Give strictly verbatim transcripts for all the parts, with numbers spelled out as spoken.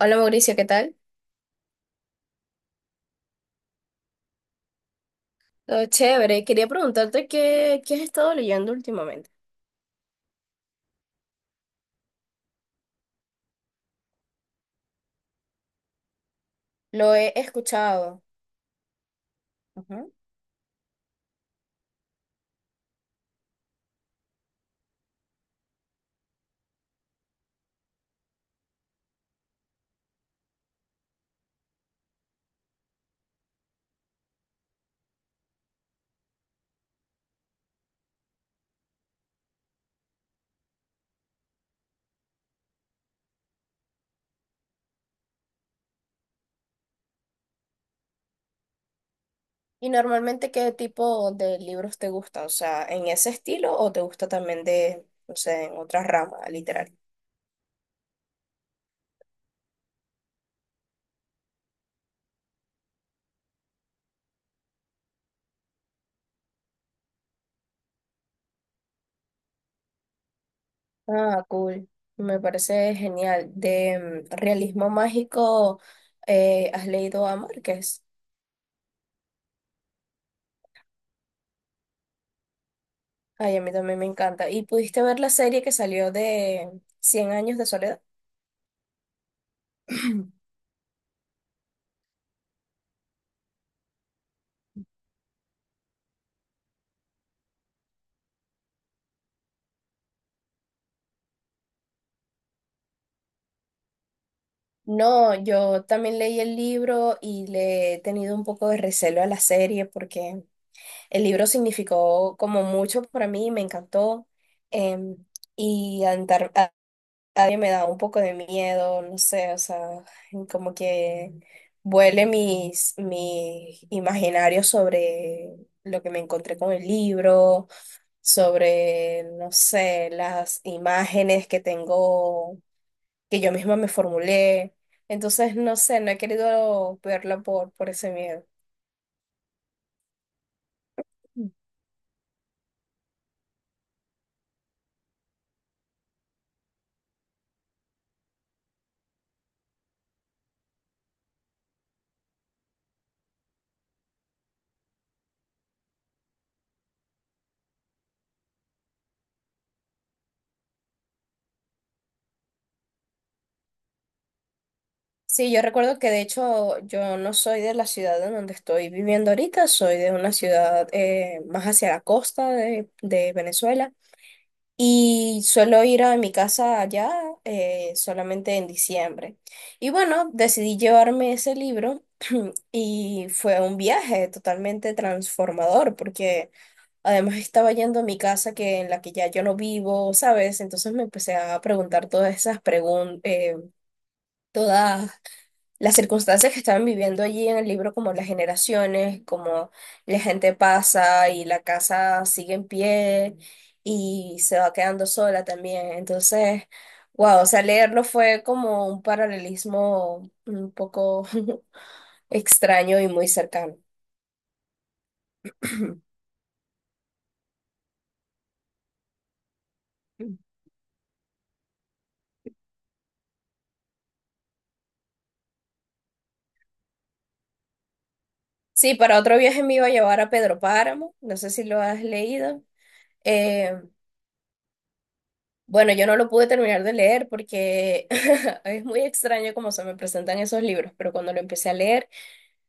Hola Mauricio, ¿qué tal? Todo chévere. Quería preguntarte qué, qué has estado leyendo últimamente. Lo he escuchado. Ujú. ¿Y normalmente qué tipo de libros te gusta? O sea, ¿en ese estilo o te gusta también de, no sé, en otra rama literaria? Ah, cool. Me parece genial. De mm, realismo mágico, eh, ¿has leído a Márquez? Ay, a mí también me encanta. ¿Y pudiste ver la serie que salió de Cien años de soledad? No, yo también leí el libro y le he tenido un poco de recelo a la serie porque el libro significó como mucho para mí, me encantó em, y andar, a- a- me da un poco de miedo, no sé, o sea, como que vuele mis, mis imaginarios sobre lo que me encontré con el libro, sobre, no sé, las imágenes que tengo que yo misma me formulé. Entonces, no sé, no he querido verla por, por ese miedo. Sí, yo recuerdo que de hecho yo no soy de la ciudad en donde estoy viviendo ahorita, soy de una ciudad eh, más hacia la costa de, de Venezuela y suelo ir a mi casa allá eh, solamente en diciembre. Y bueno, decidí llevarme ese libro y fue un viaje totalmente transformador porque además estaba yendo a mi casa que en la que ya yo no vivo, ¿sabes? Entonces me empecé a preguntar todas esas preguntas, todas las circunstancias que estaban viviendo allí en el libro, como las generaciones, como la gente pasa y la casa sigue en pie y se va quedando sola también. Entonces, wow, o sea, leerlo fue como un paralelismo un poco extraño y muy cercano. Sí, para otro viaje me iba a llevar a Pedro Páramo, no sé si lo has leído. Eh, bueno, yo no lo pude terminar de leer porque es muy extraño cómo se me presentan esos libros, pero cuando lo empecé a leer,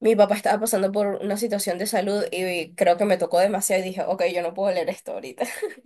mi papá estaba pasando por una situación de salud y creo que me tocó demasiado y dije, ok, yo no puedo leer esto ahorita.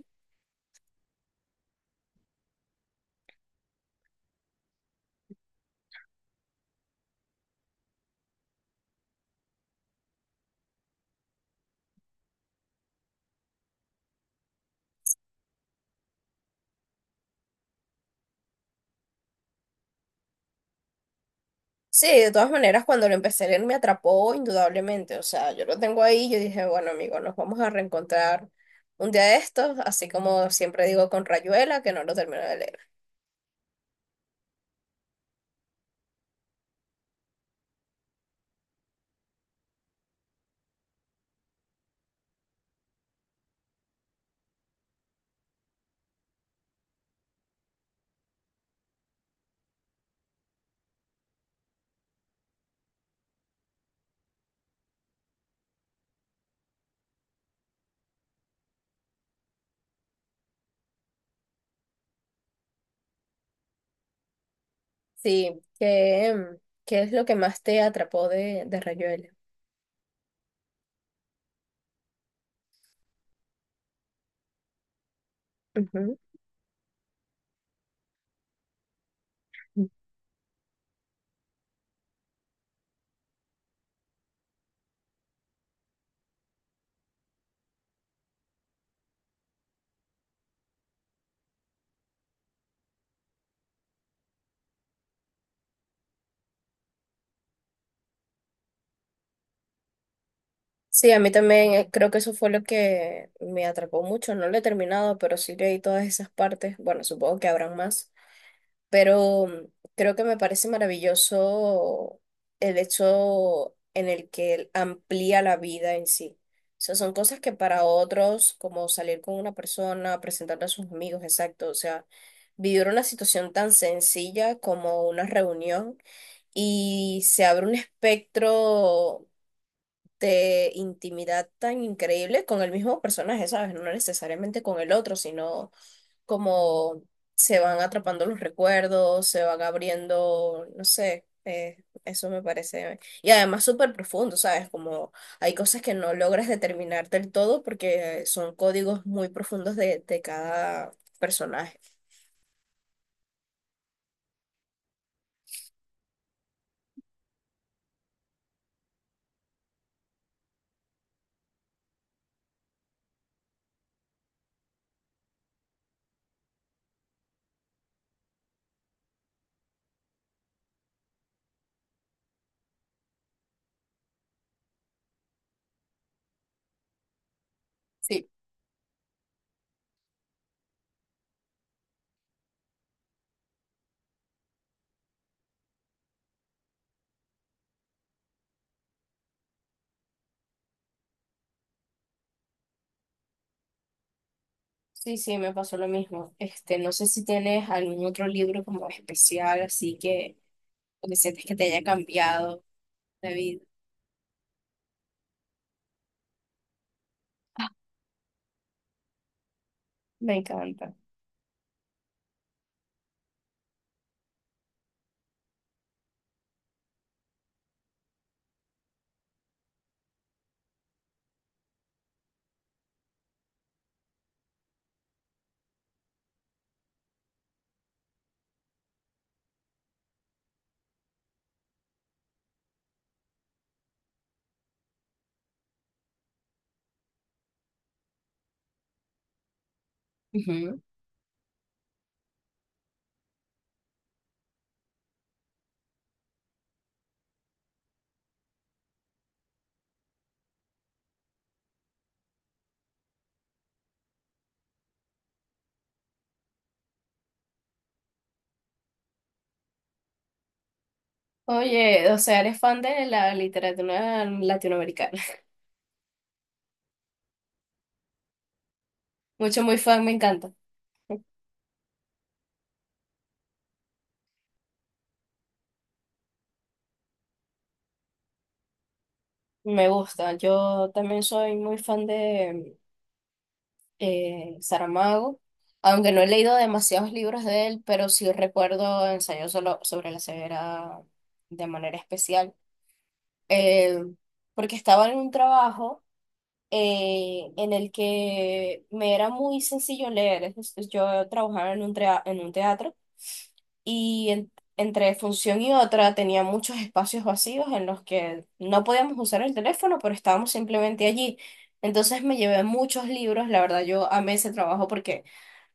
Sí, de todas maneras, cuando lo empecé a leer me atrapó indudablemente, o sea, yo lo tengo ahí, yo dije, bueno, amigo, nos vamos a reencontrar un día de estos, así como siempre digo con Rayuela, que no lo termino de leer. Sí, ¿qué, em, qué es lo que más te atrapó de, de Rayuela? Ujú. Sí, a mí también eh, creo que eso fue lo que me atrapó mucho. No lo he terminado, pero sí leí todas esas partes. Bueno, supongo que habrán más, pero mm, creo que me parece maravilloso el hecho en el que él amplía la vida en sí. O sea, son cosas que para otros, como salir con una persona, presentarle a sus amigos, exacto, o sea, vivir una situación tan sencilla como una reunión y se abre un espectro de intimidad tan increíble con el mismo personaje, ¿sabes? No necesariamente con el otro, sino como se van atrapando los recuerdos, se van abriendo, no sé, eh, eso me parece. Y además súper profundo, ¿sabes? Como hay cosas que no logras determinar del todo porque son códigos muy profundos de, de cada personaje. Sí. Sí, sí, me pasó lo mismo. Este, no sé si tienes algún otro libro como especial, así que, o que sientes que te haya cambiado la vida. Me encanta. Ujú. Oye, o sea, eres fan de la literatura latinoamericana. Mucho, muy fan, me encanta. Me gusta. Yo también soy muy fan de eh, Saramago, aunque no he leído demasiados libros de él, pero sí recuerdo Ensayo solo sobre la ceguera de manera especial. Eh, porque estaba en un trabajo eh, en el que me era muy sencillo leer. Es decir, yo trabajaba en un, trea- en un teatro, y en- entre función y otra tenía muchos espacios vacíos en los que no podíamos usar el teléfono, pero estábamos simplemente allí. Entonces me llevé muchos libros, la verdad yo amé ese trabajo porque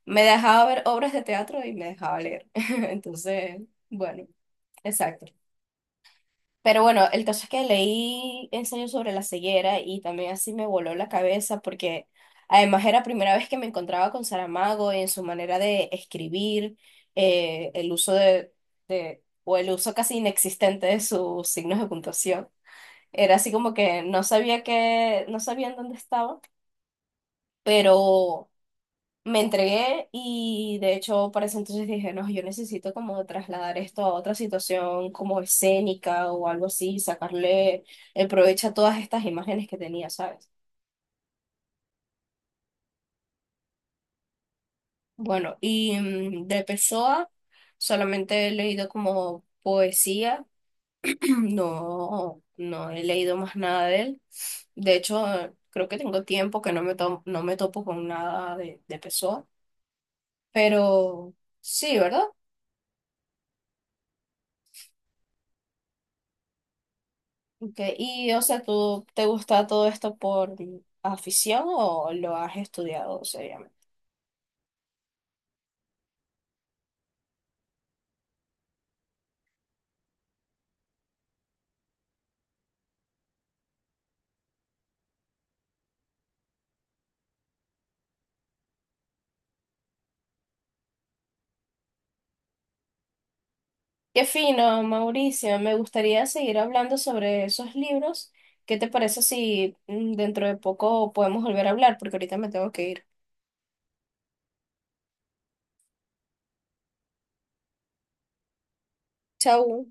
me dejaba ver obras de teatro y me dejaba leer. Entonces, bueno, exacto. Pero bueno, el caso es que leí ensayo sobre la ceguera y también así me voló la cabeza porque además era primera vez que me encontraba con Saramago en su manera de escribir, eh, el uso de, de- o el uso casi inexistente de sus signos de puntuación. Era así como que no sabía que, no sabía en dónde estaba, pero me entregué y de hecho para ese entonces dije, no, yo necesito como trasladar esto a otra situación como escénica o algo así, sacarle el provecho a todas estas imágenes que tenía, ¿sabes? Bueno, y mm, de Pessoa solamente he leído como poesía, no, no he leído más nada de él. De hecho, creo que tengo tiempo que no me, to- no me topo con nada de, de Pessoa, pero sí, ¿verdad? Okay. Y, o sea, ¿tú te gusta todo esto por afición o lo has estudiado seriamente? Qué fino, Mauricio. Me gustaría seguir hablando sobre esos libros. ¿Qué te parece si mm, dentro de poco podemos volver a hablar? Porque ahorita me tengo que ir. Chau.